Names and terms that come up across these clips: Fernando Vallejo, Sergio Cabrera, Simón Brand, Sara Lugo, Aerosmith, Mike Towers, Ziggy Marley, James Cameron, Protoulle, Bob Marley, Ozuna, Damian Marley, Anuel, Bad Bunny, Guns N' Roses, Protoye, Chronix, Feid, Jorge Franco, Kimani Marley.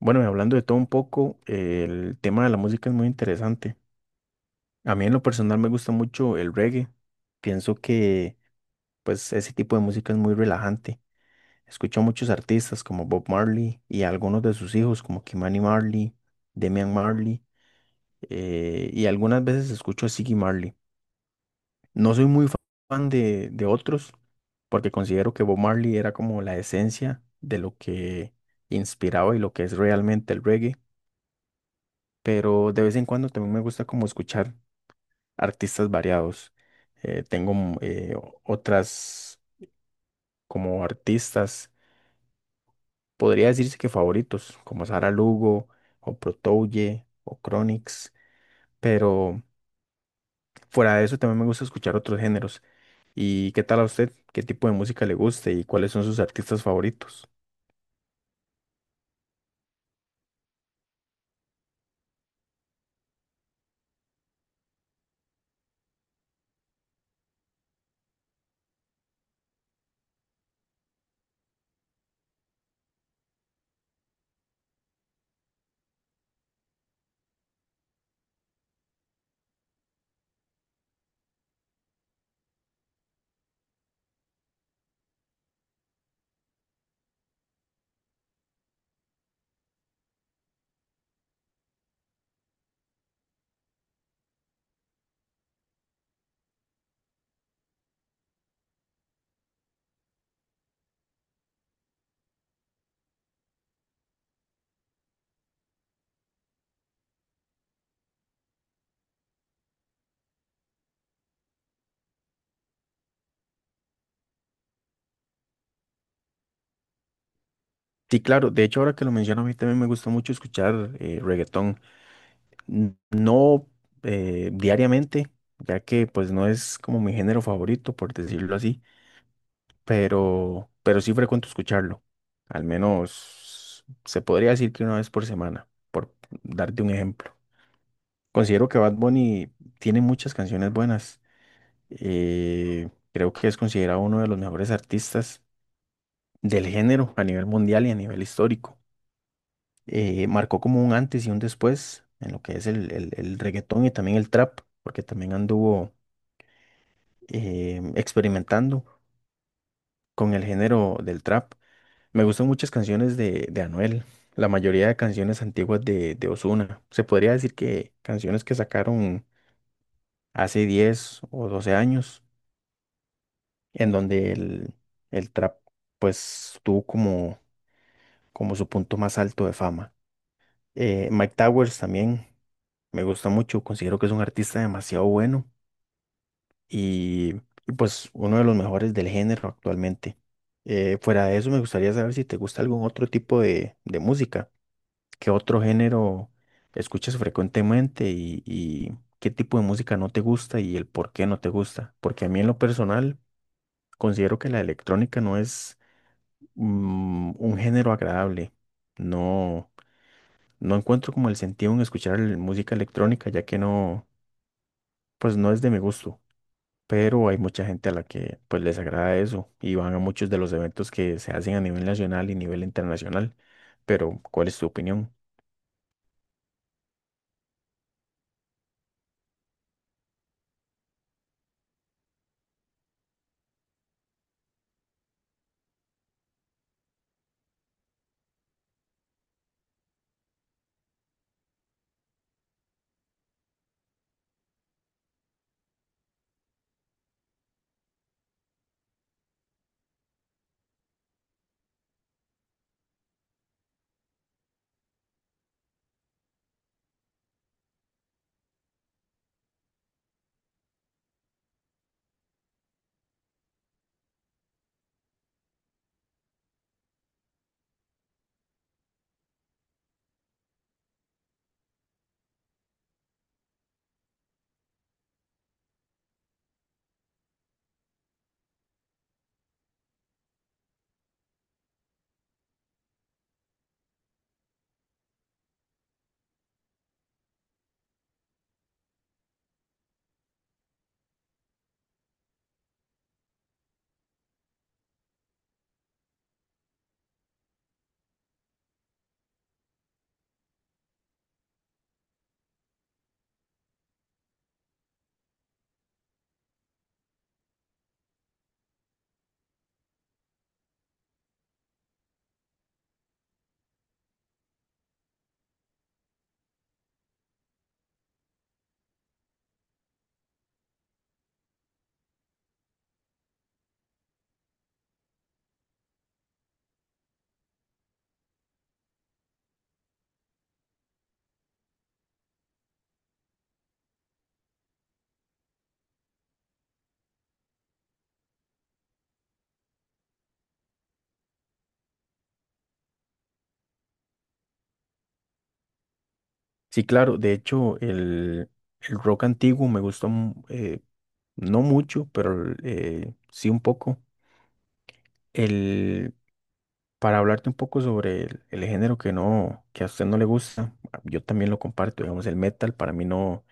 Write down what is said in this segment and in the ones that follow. Bueno, y hablando de todo un poco, el tema de la música es muy interesante. A mí en lo personal me gusta mucho el reggae. Pienso que pues ese tipo de música es muy relajante. Escucho a muchos artistas como Bob Marley y a algunos de sus hijos como Kimani Marley, Damian Marley, y algunas veces escucho a Ziggy Marley. No soy muy fa- Fan de otros porque considero que Bob Marley era como la esencia de lo que inspiraba y lo que es realmente el reggae. Pero de vez en cuando también me gusta como escuchar artistas variados. Tengo otras como artistas, podría decirse que favoritos, como Sara Lugo o Protoulle o Chronix, pero fuera de eso también me gusta escuchar otros géneros. ¿Y qué tal a usted? ¿Qué tipo de música le gusta y cuáles son sus artistas favoritos? Sí, claro, de hecho ahora que lo menciono a mí también me gusta mucho escuchar reggaetón. No, diariamente, ya que pues no es como mi género favorito, por decirlo así, pero sí frecuento escucharlo. Al menos se podría decir que una vez por semana, por darte un ejemplo. Considero que Bad Bunny tiene muchas canciones buenas. Creo que es considerado uno de los mejores artistas del género a nivel mundial y a nivel histórico. Marcó como un antes y un después en lo que es el reggaetón y también el trap, porque también anduvo experimentando con el género del trap. Me gustan muchas canciones de Anuel, la mayoría de canciones antiguas de Ozuna. Se podría decir que canciones que sacaron hace 10 o 12 años, en donde el trap pues tuvo como, como su punto más alto de fama. Mike Towers también me gusta mucho, considero que es un artista demasiado bueno y, pues uno de los mejores del género actualmente. Fuera de eso, me gustaría saber si te gusta algún otro tipo de música, qué otro género escuchas frecuentemente y qué tipo de música no te gusta y el por qué no te gusta. Porque a mí en lo personal considero que la electrónica no es un género agradable. No, no encuentro como el sentido en escuchar música electrónica, ya que no, pues no es de mi gusto. Pero hay mucha gente a la que pues les agrada eso y van a muchos de los eventos que se hacen a nivel nacional y nivel internacional. Pero, ¿cuál es tu opinión? Sí, claro, de hecho, el rock antiguo me gustó, no mucho, pero sí un poco. El, para hablarte un poco sobre el género que no, que a usted no le gusta, yo también lo comparto, digamos, el metal para mí no,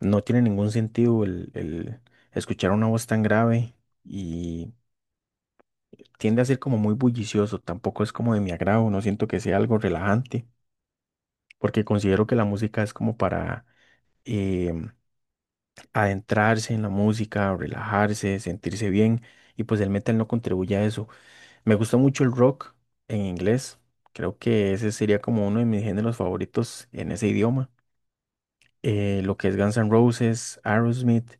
no tiene ningún sentido el escuchar una voz tan grave y tiende a ser como muy bullicioso, tampoco es como de mi agrado, no siento que sea algo relajante, porque considero que la música es como para em, adentrarse en la música, relajarse, sentirse bien, y pues el metal no contribuye a eso. Me gusta mucho el rock en inglés, creo que ese sería como uno de mis géneros favoritos en ese idioma. Lo que es Guns N' Roses, Aerosmith,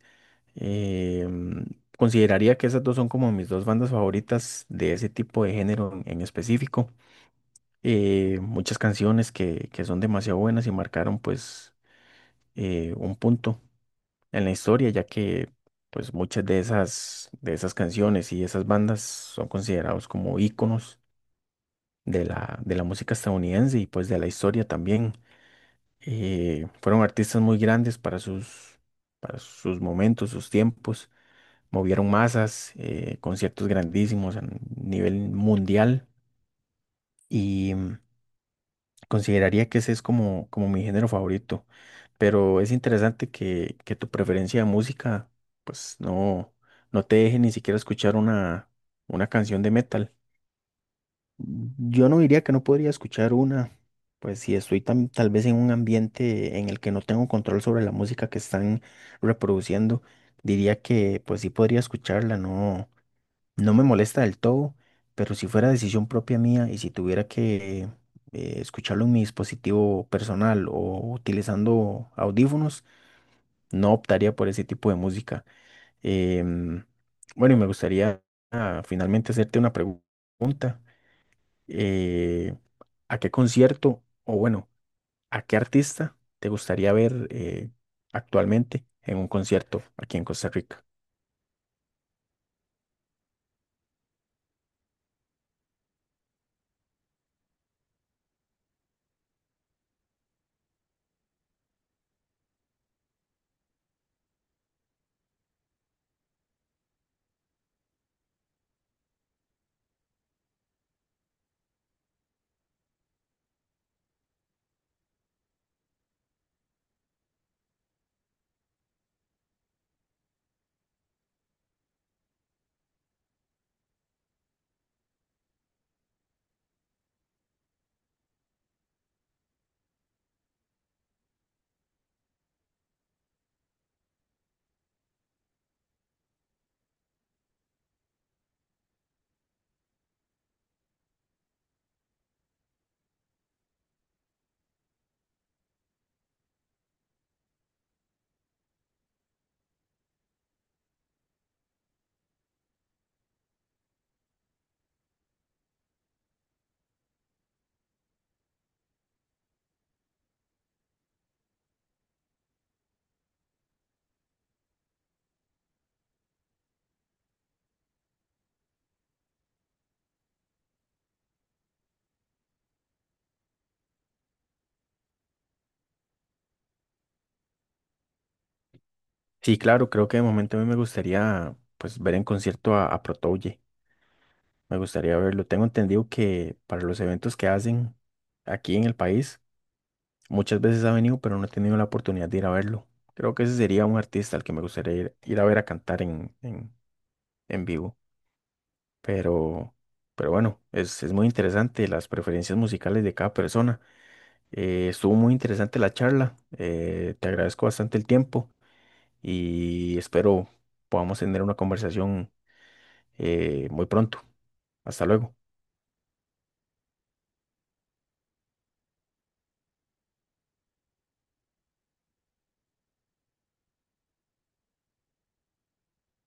em, consideraría que esas dos son como mis dos bandas favoritas de ese tipo de género en específico. Muchas canciones que son demasiado buenas y marcaron pues un punto en la historia, ya que pues muchas de esas canciones y esas bandas son considerados como íconos de la música estadounidense y pues de la historia también. Fueron artistas muy grandes para sus momentos, sus tiempos, movieron masas, conciertos grandísimos a nivel mundial. Y consideraría que ese es como, como mi género favorito, pero es interesante que tu preferencia de música, pues no, no te deje ni siquiera escuchar una canción de metal. Yo no diría que no podría escuchar una, pues si estoy tal vez en un ambiente en el que no tengo control sobre la música que están reproduciendo, diría que pues sí podría escucharla, no. No me molesta del todo, pero si fuera decisión propia mía y si tuviera que escucharlo en mi dispositivo personal o utilizando audífonos, no optaría por ese tipo de música. Em, bueno, y me gustaría finalmente hacerte una pregunta. eh, ¿A qué concierto o bueno, a qué artista te gustaría ver actualmente en un concierto aquí en Costa Rica? Sí, claro, creo que de momento a mí me gustaría pues ver en concierto a Protoye. Me gustaría verlo. Tengo entendido que para los eventos que hacen aquí en el país, muchas veces ha venido, pero no he tenido la oportunidad de ir a verlo. Creo que ese sería un artista al que me gustaría ir, ir a ver a cantar en vivo. Pero, pero bueno, es muy interesante las preferencias musicales de cada persona. Estuvo muy interesante la charla. Te agradezco bastante el tiempo y espero podamos tener una conversación muy pronto. Hasta luego.